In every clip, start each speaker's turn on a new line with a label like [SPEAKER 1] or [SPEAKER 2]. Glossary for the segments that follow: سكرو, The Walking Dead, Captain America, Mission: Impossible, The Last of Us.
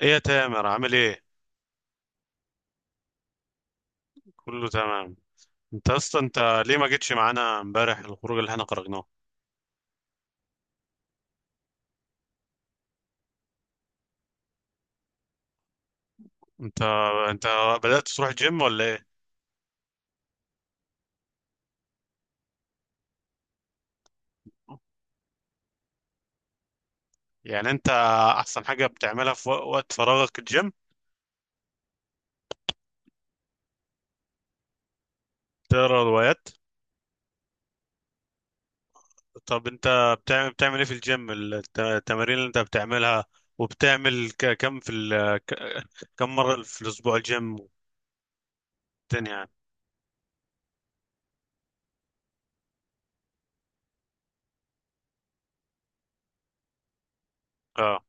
[SPEAKER 1] ايه يا تامر؟ عامل ايه؟ كله تمام. انت اصلا، انت ليه ما جيتش معانا امبارح الخروج اللي احنا خرجناه؟ انت انت بدأت تروح جيم ولا ايه؟ يعني انت احسن حاجة بتعملها في وقت فراغك الجيم؟ تقرا روايات؟ طب انت بتعمل ايه في الجيم؟ التمارين اللي انت بتعملها؟ وبتعمل كم مرة في الاسبوع الجيم والدنيا يعني؟ اه،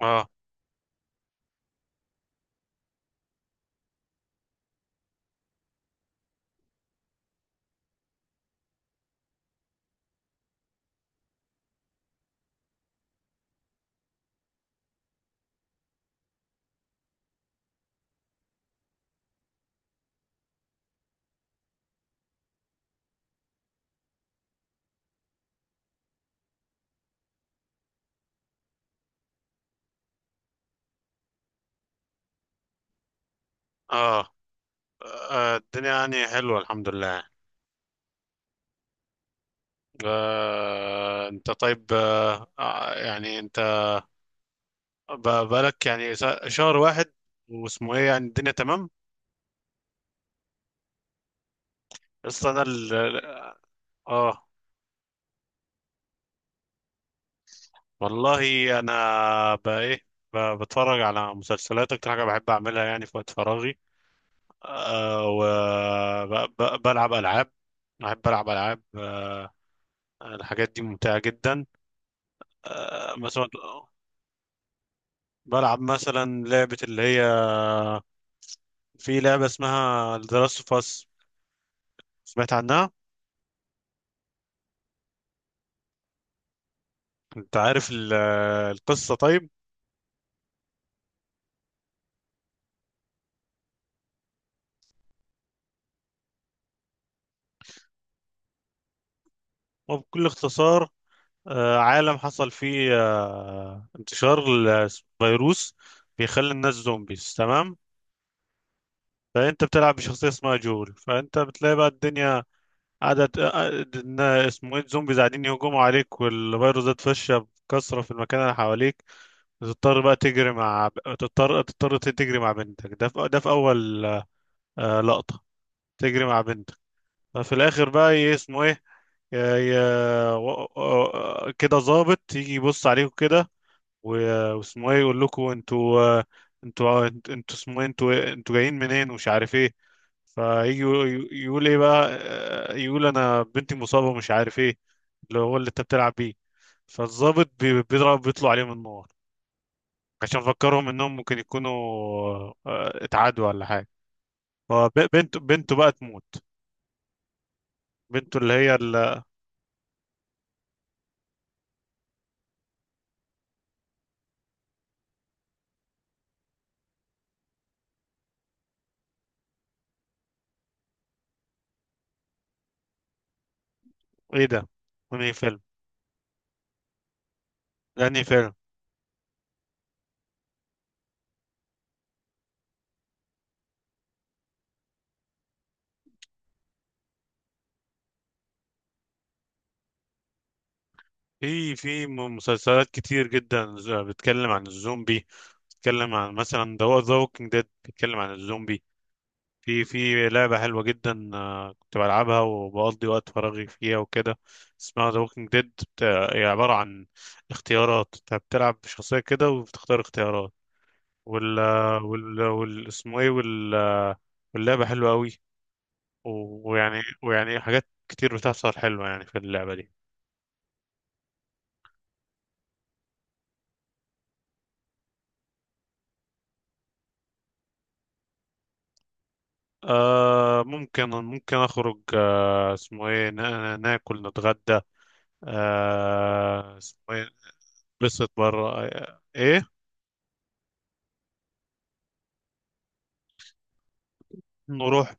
[SPEAKER 1] اه، اه، آه، الدنيا يعني حلوة، الحمد لله يعني. آه، انت طيب؟ يعني انت بقالك يعني شهر واحد واسمه ايه، يعني الدنيا تمام؟ اصل انا اه. والله انا بقى ايه، بتفرج على مسلسلات، اكتر حاجه بحب اعملها يعني في وقت فراغي. أه، وبلعب العاب، بحب العب العاب. أه، الحاجات دي ممتعه جدا. أه، مثلا بلعب مثلا لعبه، اللي هي في لعبه اسمها The Last of Us، سمعت عنها؟ انت عارف القصة؟ طيب، وبكل اختصار، آه، عالم حصل فيه آه، انتشار الفيروس بيخلي الناس زومبيز، تمام؟ فانت بتلعب بشخصية اسمها جول. فانت بتلاقي بقى الدنيا قاعدة، آه، إن اسمه ايه، الزومبيز قاعدين يهجموا عليك والفيروس ده اتفشى بكثرة في المكان اللي حواليك. تضطر بقى تجري مع، تضطر تجري مع بنتك. ده ده في اول آه، لقطة تجري مع بنتك. ففي الاخر بقى ايه، اسمه ايه، يا يا كده ظابط يجي يبص عليكم كده، واسمه ايه، يقول لكم انتوا آه، انتوا اسمه ايه، انتوا جايين منين ومش عارف ايه. فيجي يقول ايه بقى، آه، يقول انا بنتي مصابة ومش عارف ايه، اللي هو اللي انت بتلعب بيه. فالظابط بيضرب، بيطلع عليهم النار عشان فكرهم انهم ممكن يكونوا آه، اتعادوا ولا حاجة. فبنته بقى تموت. بنته اللي هي ايه ده؟ انهي فيلم؟ ده انهي فيلم؟ في في مسلسلات كتير جدا بتتكلم عن الزومبي، بتتكلم عن مثلا ذا ووكينج ديد، بتتكلم عن الزومبي. في في لعبة حلوة جدا آه، كنت بلعبها وبقضي وقت فراغي فيها وكده، اسمها ذا ووكينج ديد. هي عبارة عن اختيارات، انت بتلعب بشخصية كده وبتختار اختيارات. وال وال اسمه ايه، وال واللعبة حلوة قوي. ويعني حاجات كتير بتحصل حلوة يعني في اللعبة دي. آه، ممكن اخرج، اسمه ايه، ناكل، نتغدى، آه، اسمه ايه، بسط بره آه، ايه. نروح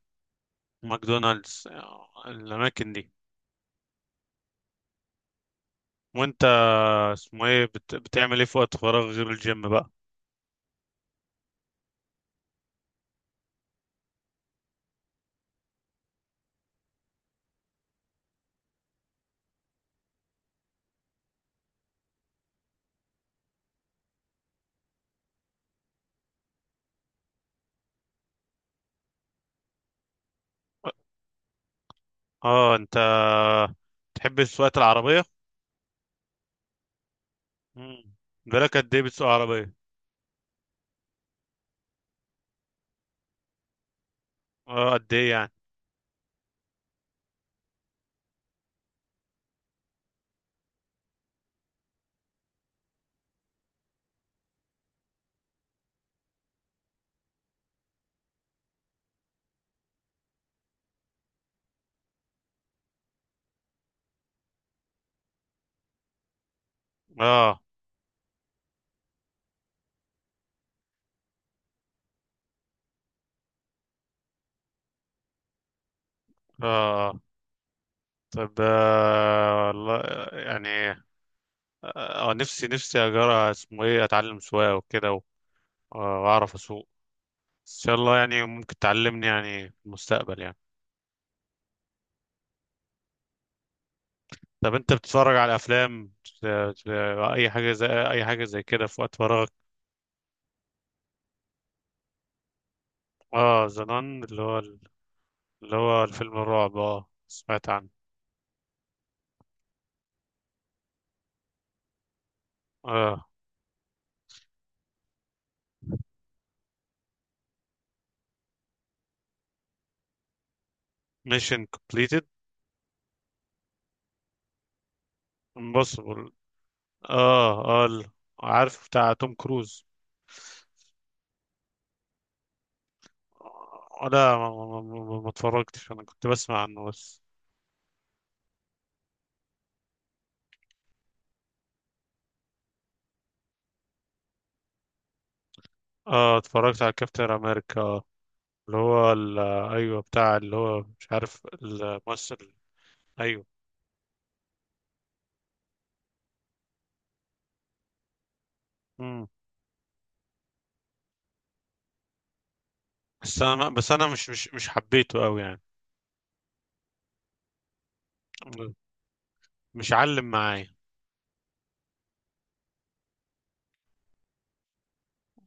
[SPEAKER 1] ماكدونالدز آه، الاماكن دي. وانت اسمه ايه، بتعمل ايه في وقت فراغ غير الجيم بقى؟ اه. انت تحب سواقة العربية؟ مم. بالك قد ايه بتسوق عربية؟ اه قد ايه يعني؟ اه، اه، طب آه، والله يعني اه، آه، نفسي اجرى اسمه ايه، اتعلم سواقة وكده و آه، واعرف اسوق. بس ان شاء الله يعني ممكن تعلمني يعني في المستقبل يعني. طب انت بتتفرج على افلام اي حاجه زي اي حاجه زي كده في وقت فراغك؟ اه، زنان؟ اللي هو اللي هو الفيلم الرعب، اه سمعت عنه. اه، ميشن كومبليتد، امبوسيبل، اه اه عارف، بتاع توم كروز. آه، لا، ما اتفرجتش، انا كنت بسمع عنه بس. اه، اتفرجت على كابتن امريكا آه، اللي هو ايوه، بتاع اللي هو مش عارف الممثل، ايوه. بس انا بس انا مش حبيته قوي يعني، مش علم معايا.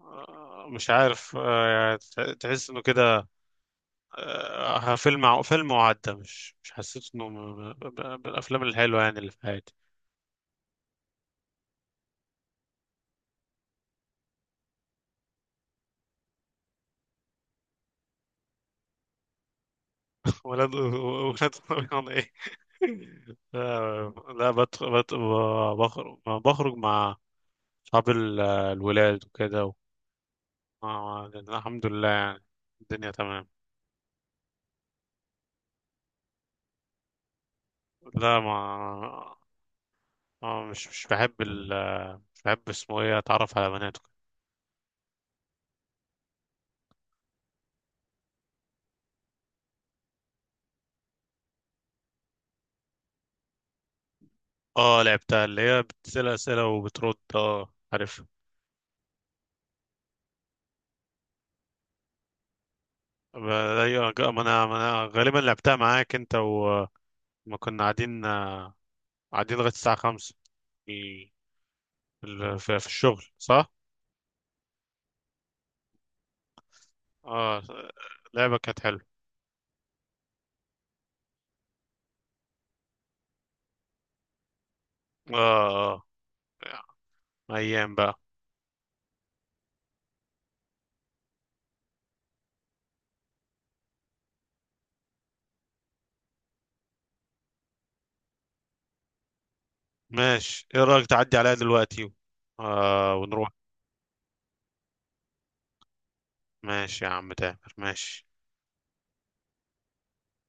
[SPEAKER 1] آه، مش عارف آه، يعني تحس انه كده آه، فيلم فيلم وعدى، مش حسيت انه من الافلام الحلوه يعني اللي في حياتي. ولاد، ولاد رمضان ايه. آه، لا بدخل، بخرج مع اصحاب الولاد وكده و آه، الحمد لله يعني، الدنيا تمام. لا ما، اه مش مش بحب ال مش بحب اسمه ايه اتعرف على بنات وكده. اه، لعبتها، اللي هي بتسأل أسئلة وبترد، اه عارف. ما أيوة، ما انا ما انا غالبا لعبتها معاك انت وما كنا قاعدين آه، قاعدين لغاية الساعة 5 في في في الشغل، صح؟ اه، لعبة كانت حلوة، اه اه. ايام بقى. ماشي، ايه رأيك تعدي عليها دلوقتي و آه، ونروح. ماشي يا عم تامر، ماشي.